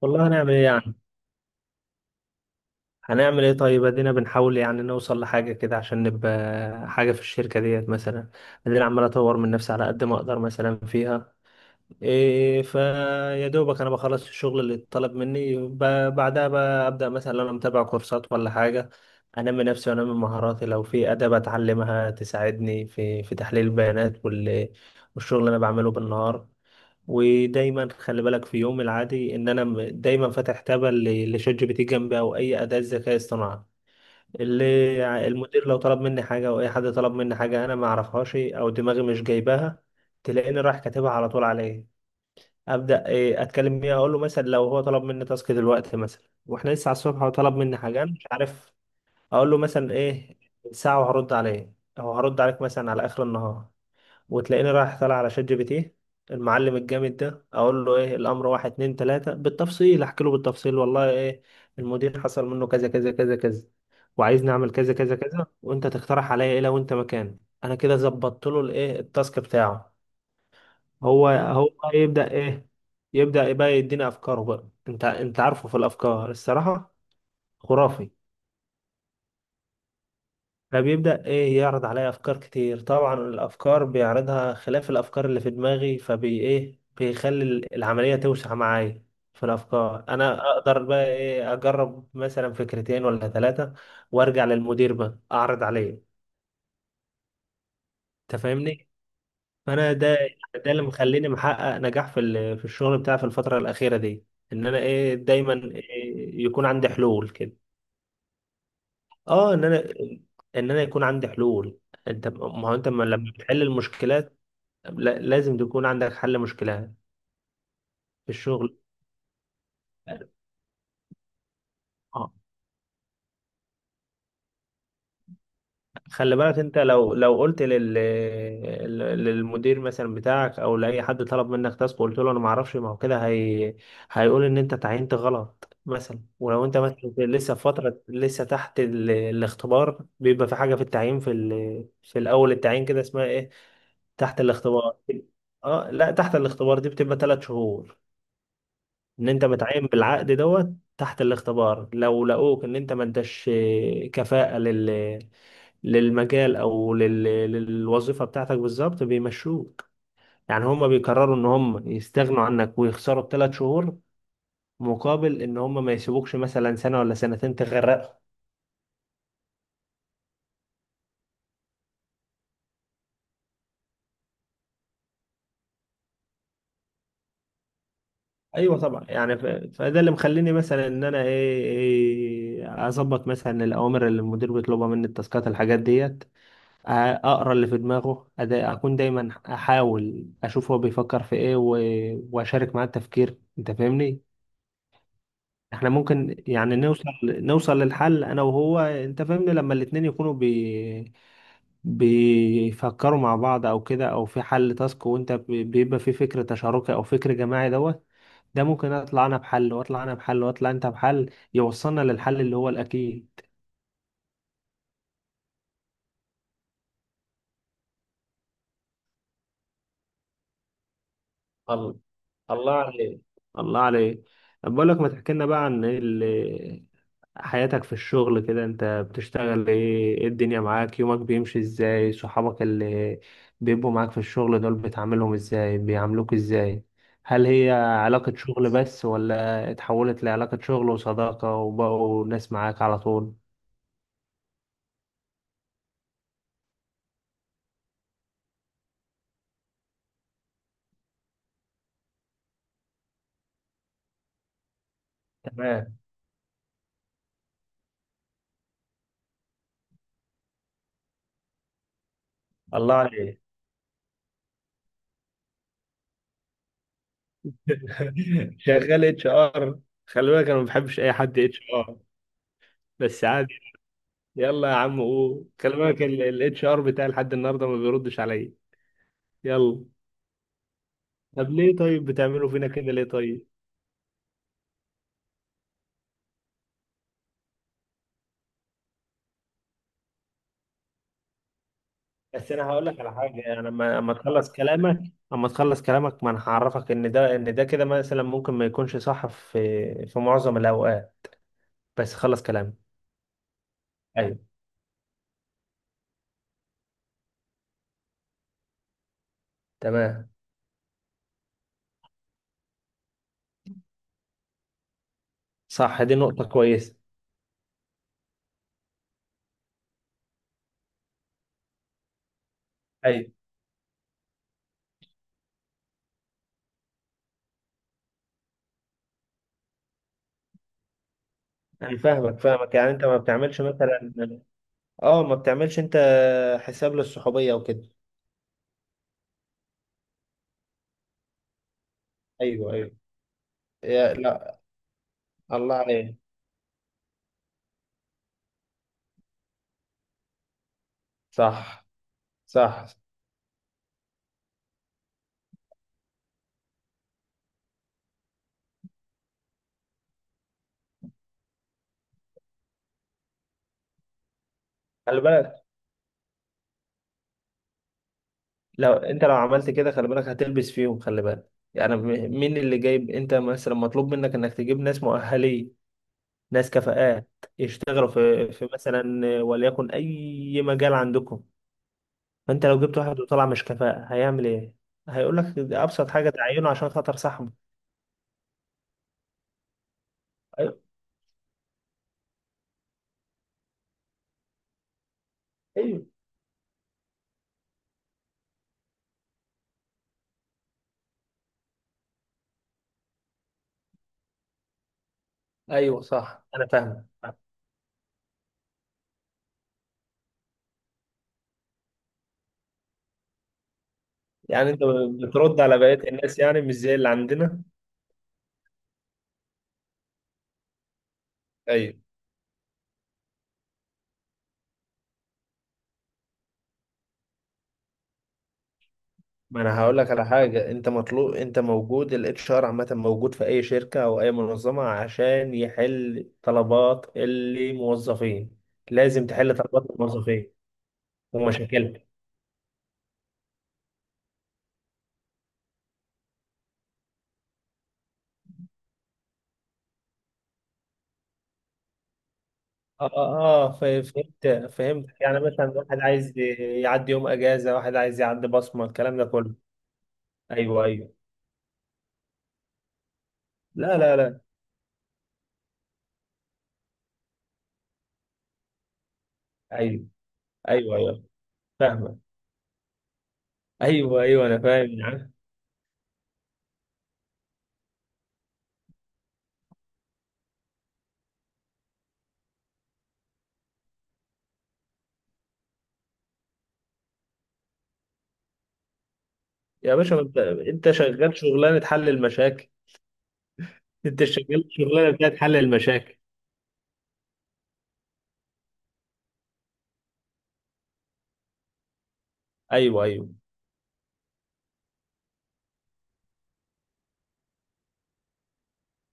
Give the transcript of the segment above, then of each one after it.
والله هنعمل ايه يعني؟ هنعمل ايه طيب؟ ادينا بنحاول يعني نوصل لحاجة كده عشان نبقى حاجة في الشركة ديت مثلا. ادينا عمال اطور من نفسي على قد ما اقدر مثلا فيها. فيا دوبك انا بخلص الشغل اللي اتطلب مني بعدها بقى ابدا مثلا لو انا متابع كورسات ولا حاجة، انمي نفسي وانمي مهاراتي. لو في اداة بتعلمها تساعدني في تحليل البيانات والشغل اللي انا بعمله بالنهار. ودايما خلي بالك في يوم العادي ان انا دايما فاتح تابة لشات جي بي تي جنبي، او اي اداة ذكاء اصطناعي. اللي المدير لو طلب مني حاجة، او اي حد طلب مني حاجة انا ما اعرفهاش او دماغي مش جايباها، تلاقيني رايح كاتبها على طول عليه. ابدا اتكلم بيه. اقول له مثلا، لو هو طلب مني تاسك دلوقتي مثلا واحنا لسه على الصبح، هو طلب مني حاجة انا مش عارف، اقول له مثلا ساعة وهرد عليه، او هرد عليك مثلا على اخر النهار. وتلاقيني رايح طالع على شات جي بي تي، المعلم الجامد ده، اقول له ايه الامر، واحد اتنين تلاته بالتفصيل، احكي له بالتفصيل والله ايه. المدير حصل منه كذا كذا كذا كذا، وعايزني اعمل كذا كذا كذا، وانت تقترح عليا ايه لو انت مكاني. انا كده ظبطت له التاسك بتاعه. هو بقى يبدا يبدا بقى يديني افكاره بقى. انت عارفه، في الافكار الصراحه، خرافي. فبيبدأ يعرض عليا أفكار كتير طبعا. الأفكار بيعرضها خلاف الأفكار اللي في دماغي، فبي إيه بيخلي العملية توسع معايا في الأفكار. أنا أقدر بقى أجرب مثلا فكرتين ولا ثلاثة، وأرجع للمدير بقى أعرض عليه. أنت فاهمني؟ فأنا ده يعني، ده اللي مخليني محقق نجاح في الشغل بتاعي في الفترة الأخيرة دي. إن أنا دايما يكون عندي حلول كده. أه، إن أنا يكون عندي حلول. أنت، ما هو أنت لما بتحل المشكلات، لازم تكون عندك حل مشكلة في الشغل. اه، خلي بالك انت لو قلت للمدير مثلا بتاعك، او لاي حد طلب منك تاسك وقلت له انا ما اعرفش، ما هو كده هيقول ان انت تعينت غلط مثلا. ولو انت مثلا لسه في فترة، لسه تحت الاختبار، بيبقى في حاجة في التعيين في الاول التعيين كده، اسمها ايه؟ تحت الاختبار. اه لا، تحت الاختبار دي بتبقى 3 شهور. ان انت متعين بالعقد دوت، تحت الاختبار، لو لقوك ان انت ما انتش كفاءة للمجال، او للوظيفة بتاعتك بالظبط، بيمشوك. يعني هم بيقرروا ان هم يستغنوا عنك ويخسروا ب3 شهور، مقابل ان هم ما يسيبوكش مثلا سنة ولا سنتين تغرقهم. ايوه طبعا يعني، فده اللي مخليني مثلا ان انا ايه إيه، اظبط مثلا الاوامر اللي المدير بيطلبها مني، التاسكات، الحاجات ديت، اقرا اللي في دماغه. اكون دايما احاول اشوف هو بيفكر في ايه، واشارك معاه التفكير. انت فاهمني؟ احنا ممكن يعني نوصل للحل انا وهو. انت فاهمني؟ لما الاتنين يكونوا بيفكروا مع بعض او كده، او في حل تاسك وانت بيبقى في فكر تشاركي او فكر جماعي دوت. ده ممكن اطلع انا بحل، واطلع انا بحل، واطلع انت بحل، يوصلنا للحل اللي هو الاكيد. الله. الله عليك. الله عليك. بقول لك، ما تحكي لنا بقى عن حياتك في الشغل كده. انت بتشتغل ايه؟ ايه الدنيا معاك؟ يومك بيمشي ازاي؟ صحابك اللي بيبقوا معاك في الشغل دول، بتعاملهم ازاي؟ بيعاملوك ازاي؟ هل هي علاقة شغل بس، ولا اتحولت لعلاقة شغل وصداقة وبقوا ناس معاك على طول؟ تمام. الله عليك. شغال اتش ار؟ خلي بالك انا ما بحبش اي حد اتش ار. بس عادي. يلا يا عم قول. خلي بالك الاتش ار بتاعي لحد النهارده ما بيردش عليا. يلا. طب ليه طيب بتعملوا فينا كده، ليه طيب؟ بس انا هقول لك على حاجه، يعني لما تخلص كلامك. اما تخلص كلامك، ما انا هعرفك ان ده كده، مثلا ممكن ما يكونش صح في معظم الاوقات. بس خلص كلامك. ايوه. تمام. صح، دي نقطه كويسه. ايوه، انا فاهمك. يعني انت ما بتعملش مثلا، اه ما بتعملش انت حساب للصحوبيه وكده. ايوه، ايوه. يا لا. الله عليك. صح، صح. خلي بالك، لو انت لو عملت كده، خلي بالك هتلبس فيهم. خلي بالك يعني، مين اللي جايب؟ انت مثلا مطلوب منك انك تجيب ناس مؤهلين، ناس كفاءات، يشتغلوا في مثلا، وليكن اي مجال عندكم. فانت لو جبت واحد وطلع مش كفاءة، هيعمل ايه؟ هيقول لك ده ابسط حاجة، تعينه عشان خاطر صاحبه. ايوه، ايوه، ايوه. صح، انا فاهم. يعني انت بترد على بقية الناس، يعني مش زي اللي عندنا؟ ايوه. ما انا هقول لك على حاجه. انت مطلوب، انت موجود. الاتش ار عامه موجود في اي شركه او اي منظمه عشان يحل طلبات الموظفين. لازم تحل طلبات الموظفين ومشاكلهم. فهمت. يعني مثلا واحد عايز يعدي يوم اجازه، واحد عايز يعدي بصمه، الكلام ده كله. ايوه، ايوه. لا، لا، لا. ايوه، ايوه، ايوه. فاهمه. ايوه، ايوه، انا فاهم يا عم. يا باشا، ما انت شغال شغلانه حل المشاكل. انت شغال شغلانه بتاعت حل المشاكل. ايوه، ايوه.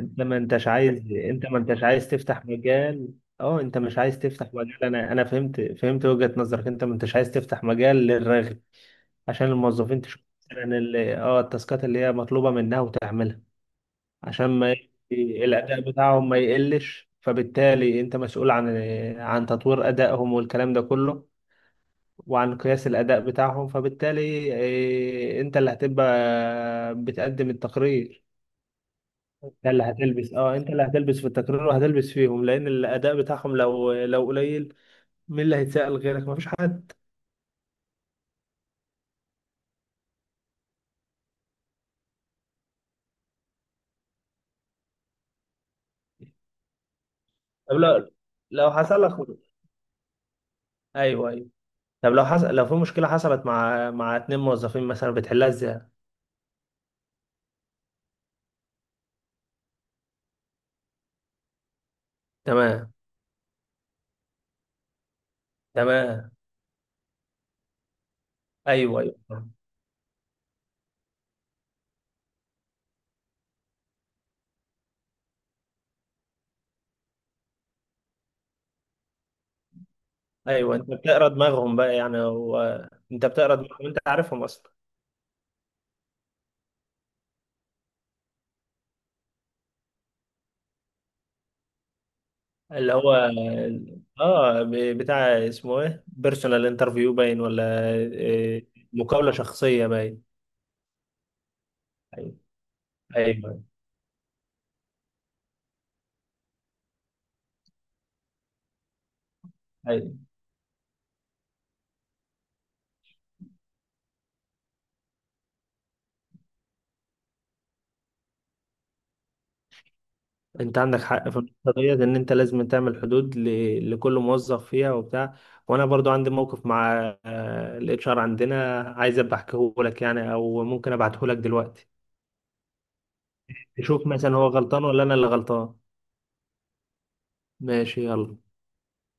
انت ما انتش عايز تفتح مجال. اه، انت مش عايز تفتح مجال. انا فهمت وجهة نظرك. انت ما انتش عايز تفتح مجال للرغي، عشان الموظفين تشوف مثلا التاسكات اللي هي مطلوبة منها وتعملها، عشان ما ي- الاداء بتاعهم ما يقلش. فبالتالي انت مسؤول عن تطوير ادائهم والكلام ده كله، وعن قياس الاداء بتاعهم. فبالتالي انت اللي هتبقى بتقدم التقرير. ده اللي هتلبس. اه انت اللي هتلبس في التكرار وهتلبس فيهم، لان الاداء بتاعهم لو قليل، مين اللي هيتسأل غيرك؟ مفيش حد. طب لو، حصل لك. ايوه، ايوه. طب لو في مشكله حصلت مع اتنين موظفين مثلا، بتحلها ازاي؟ تمام. تمام. ايوه، ايوه، ايوه. انت بتقرا دماغهم بقى يعني، هو انت بتقرا دماغهم، انت عارفهم اصلا. اللي هو، بتاع، اسمه ايه، بيرسونال انترفيو باين ولا إيه؟ مقابله شخصيه باين. ايوه، ايوه. أيوة. انت عندك حق في النقطه ديت، ان انت لازم تعمل حدود لكل موظف فيها وبتاع. وانا برضو عندي موقف مع الاتش ار عندنا، عايز ابقى احكيه لك يعني، او ممكن ابعته لك دلوقتي، تشوف مثلا هو غلطان ولا انا اللي غلطان. ماشي. يلا.